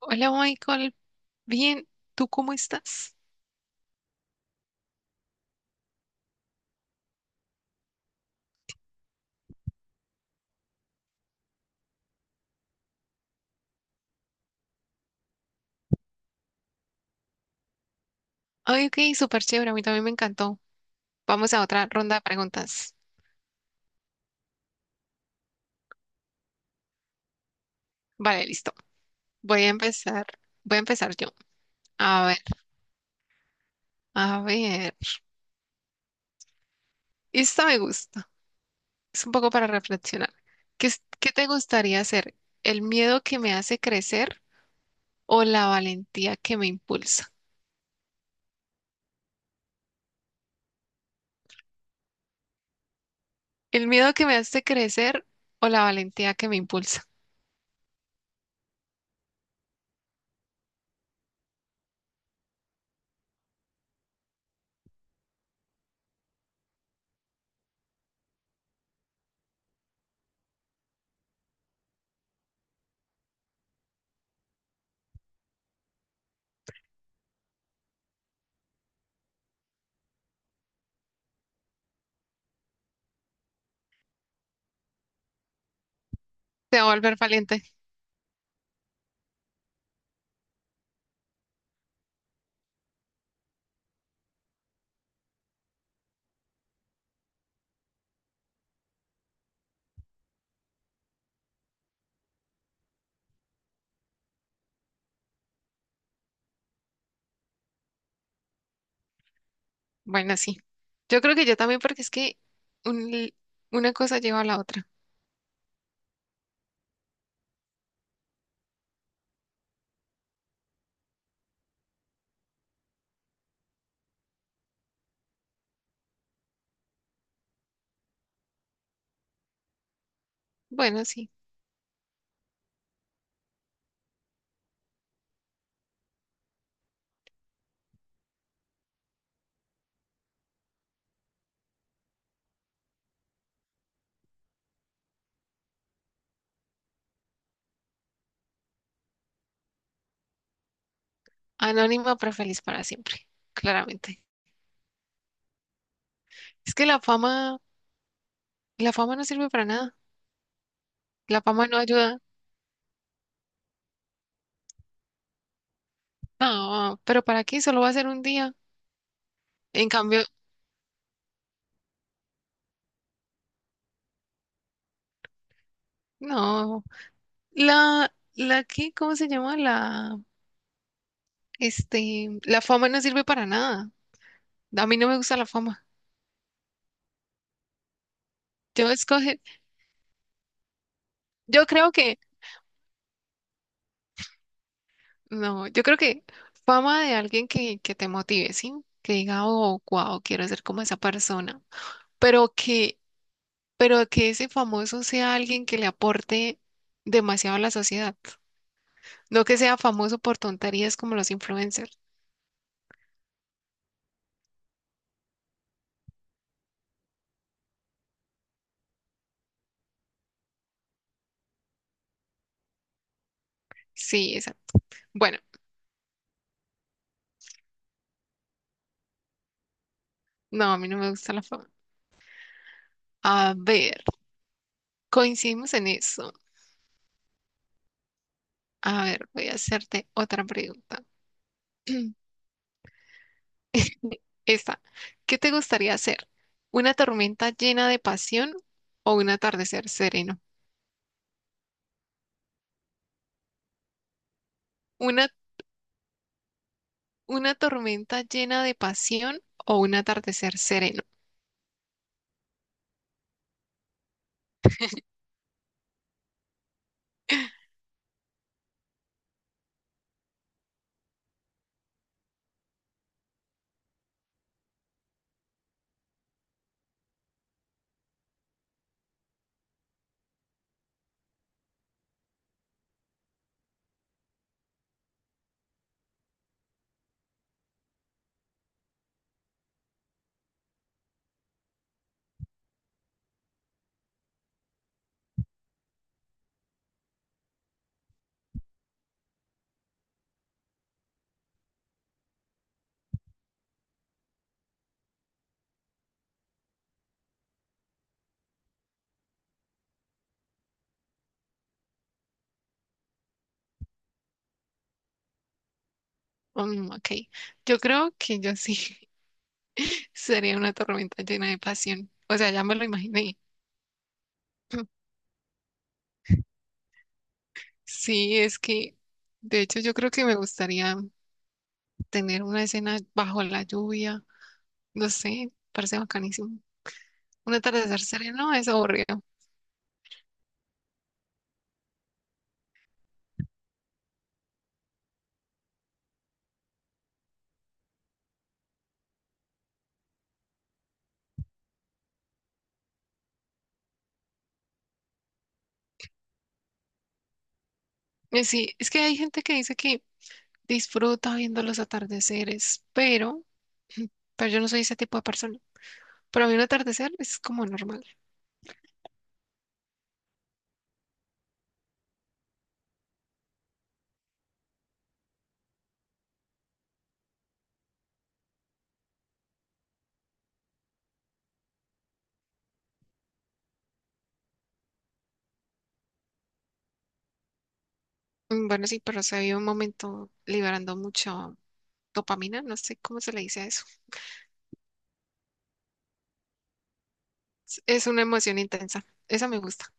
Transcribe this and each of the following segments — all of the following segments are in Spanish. Hola Michael, bien, ¿tú cómo estás? Ay, ok, súper chévere, a mí también me encantó. Vamos a otra ronda de preguntas. Vale, listo. Voy a empezar, voy a empezar yo. A ver, a ver. Esta me gusta, es un poco para reflexionar. ¿Qué te gustaría hacer? ¿El miedo que me hace crecer o la valentía que me impulsa? ¿El miedo que me hace crecer o la valentía que me impulsa? Te va a volver valiente. Bueno, sí. Yo creo que yo también, porque es que un li- una cosa lleva a la otra. Bueno, sí. Anónima, pero feliz para siempre, claramente. Es que la fama no sirve para nada. La fama no ayuda. No, pero ¿para qué? Solo va a ser un día. En cambio, no. La que, ¿cómo se llama? La, la fama no sirve para nada. A mí no me gusta la fama. Yo escoge, yo creo que no, yo creo que fama de alguien que te motive, ¿sí? Que diga, oh, wow, quiero ser como esa persona. Pero que, pero que ese famoso sea alguien que le aporte demasiado a la sociedad. No que sea famoso por tonterías como los influencers. Sí, esa. Bueno, no, a mí no me gusta la fama. A ver, coincidimos en eso. A ver, voy a hacerte otra pregunta. Esta, ¿qué te gustaría hacer? ¿Una tormenta llena de pasión o un atardecer sereno? Una, una tormenta llena de pasión o un atardecer sereno. Mm, ok, yo creo que yo sí sería una tormenta llena de pasión. O sea, ya me lo imaginé. Sí, es que, de hecho, yo creo que me gustaría tener una escena bajo la lluvia. No sé, parece bacanísimo. Un atardecer sereno es aburrido. Y sí, es que hay gente que dice que disfruta viendo los atardeceres, pero yo no soy ese tipo de persona. Para mí un atardecer es como normal. Mm, bueno, sí, pero se vive un momento liberando mucho dopamina, no sé cómo se le dice a eso. Es una emoción intensa, esa me gusta.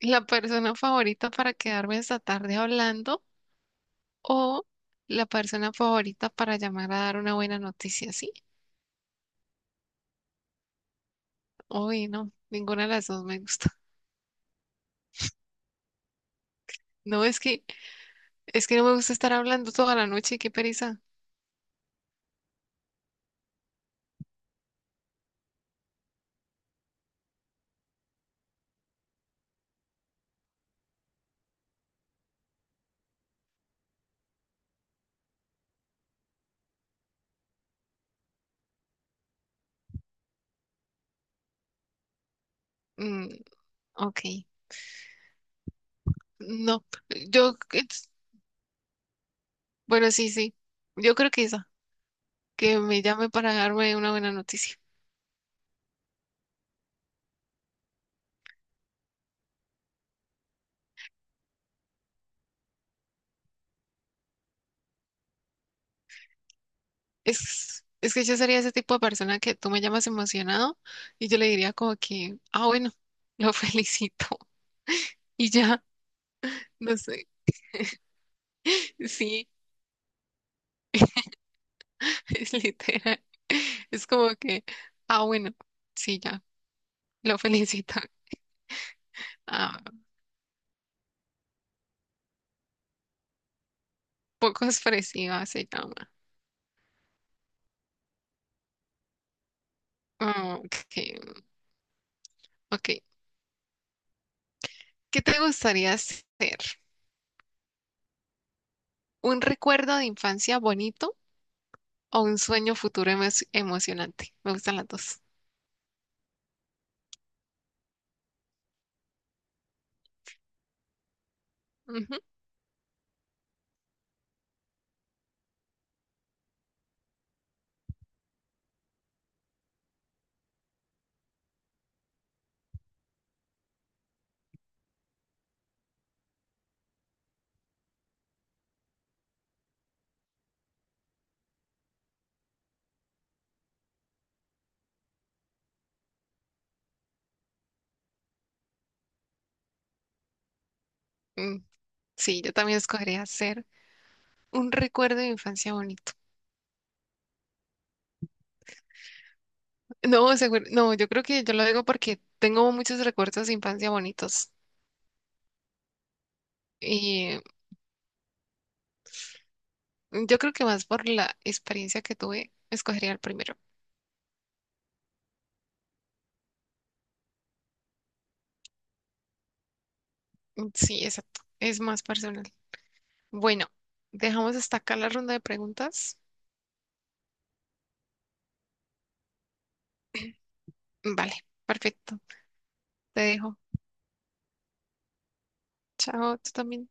La persona favorita para quedarme esta tarde hablando o la persona favorita para llamar a dar una buena noticia, ¿sí? Uy, no, ninguna de las dos me gusta. No, es que no me gusta estar hablando toda la noche, qué pereza. Mm, ok, no, yo, bueno, sí, sí, yo creo que esa, que me llame para darme una buena noticia. Es que yo sería ese tipo de persona que tú me llamas emocionado y yo le diría como que, ah, bueno, lo felicito. Y ya, no sé, sí, es literal. Es como que, ah, bueno, sí, ya, lo felicito. Ah, poco expresiva se llama. Ah, ok, ok. ¿Qué te gustaría ser? ¿Un recuerdo de infancia bonito o un sueño futuro emo- emocionante? Me gustan las dos. Ujú. Mm, sí, yo también escogería ser un recuerdo de infancia bonito. No, seguro, no, yo creo que yo lo digo porque tengo muchos recuerdos de infancia bonitos. Y yo creo que más por la experiencia que tuve, escogería el primero. Sí, exacto. Es más personal. Bueno, dejamos hasta acá la ronda de preguntas. Vale, perfecto. Te dejo. Chao, tú también.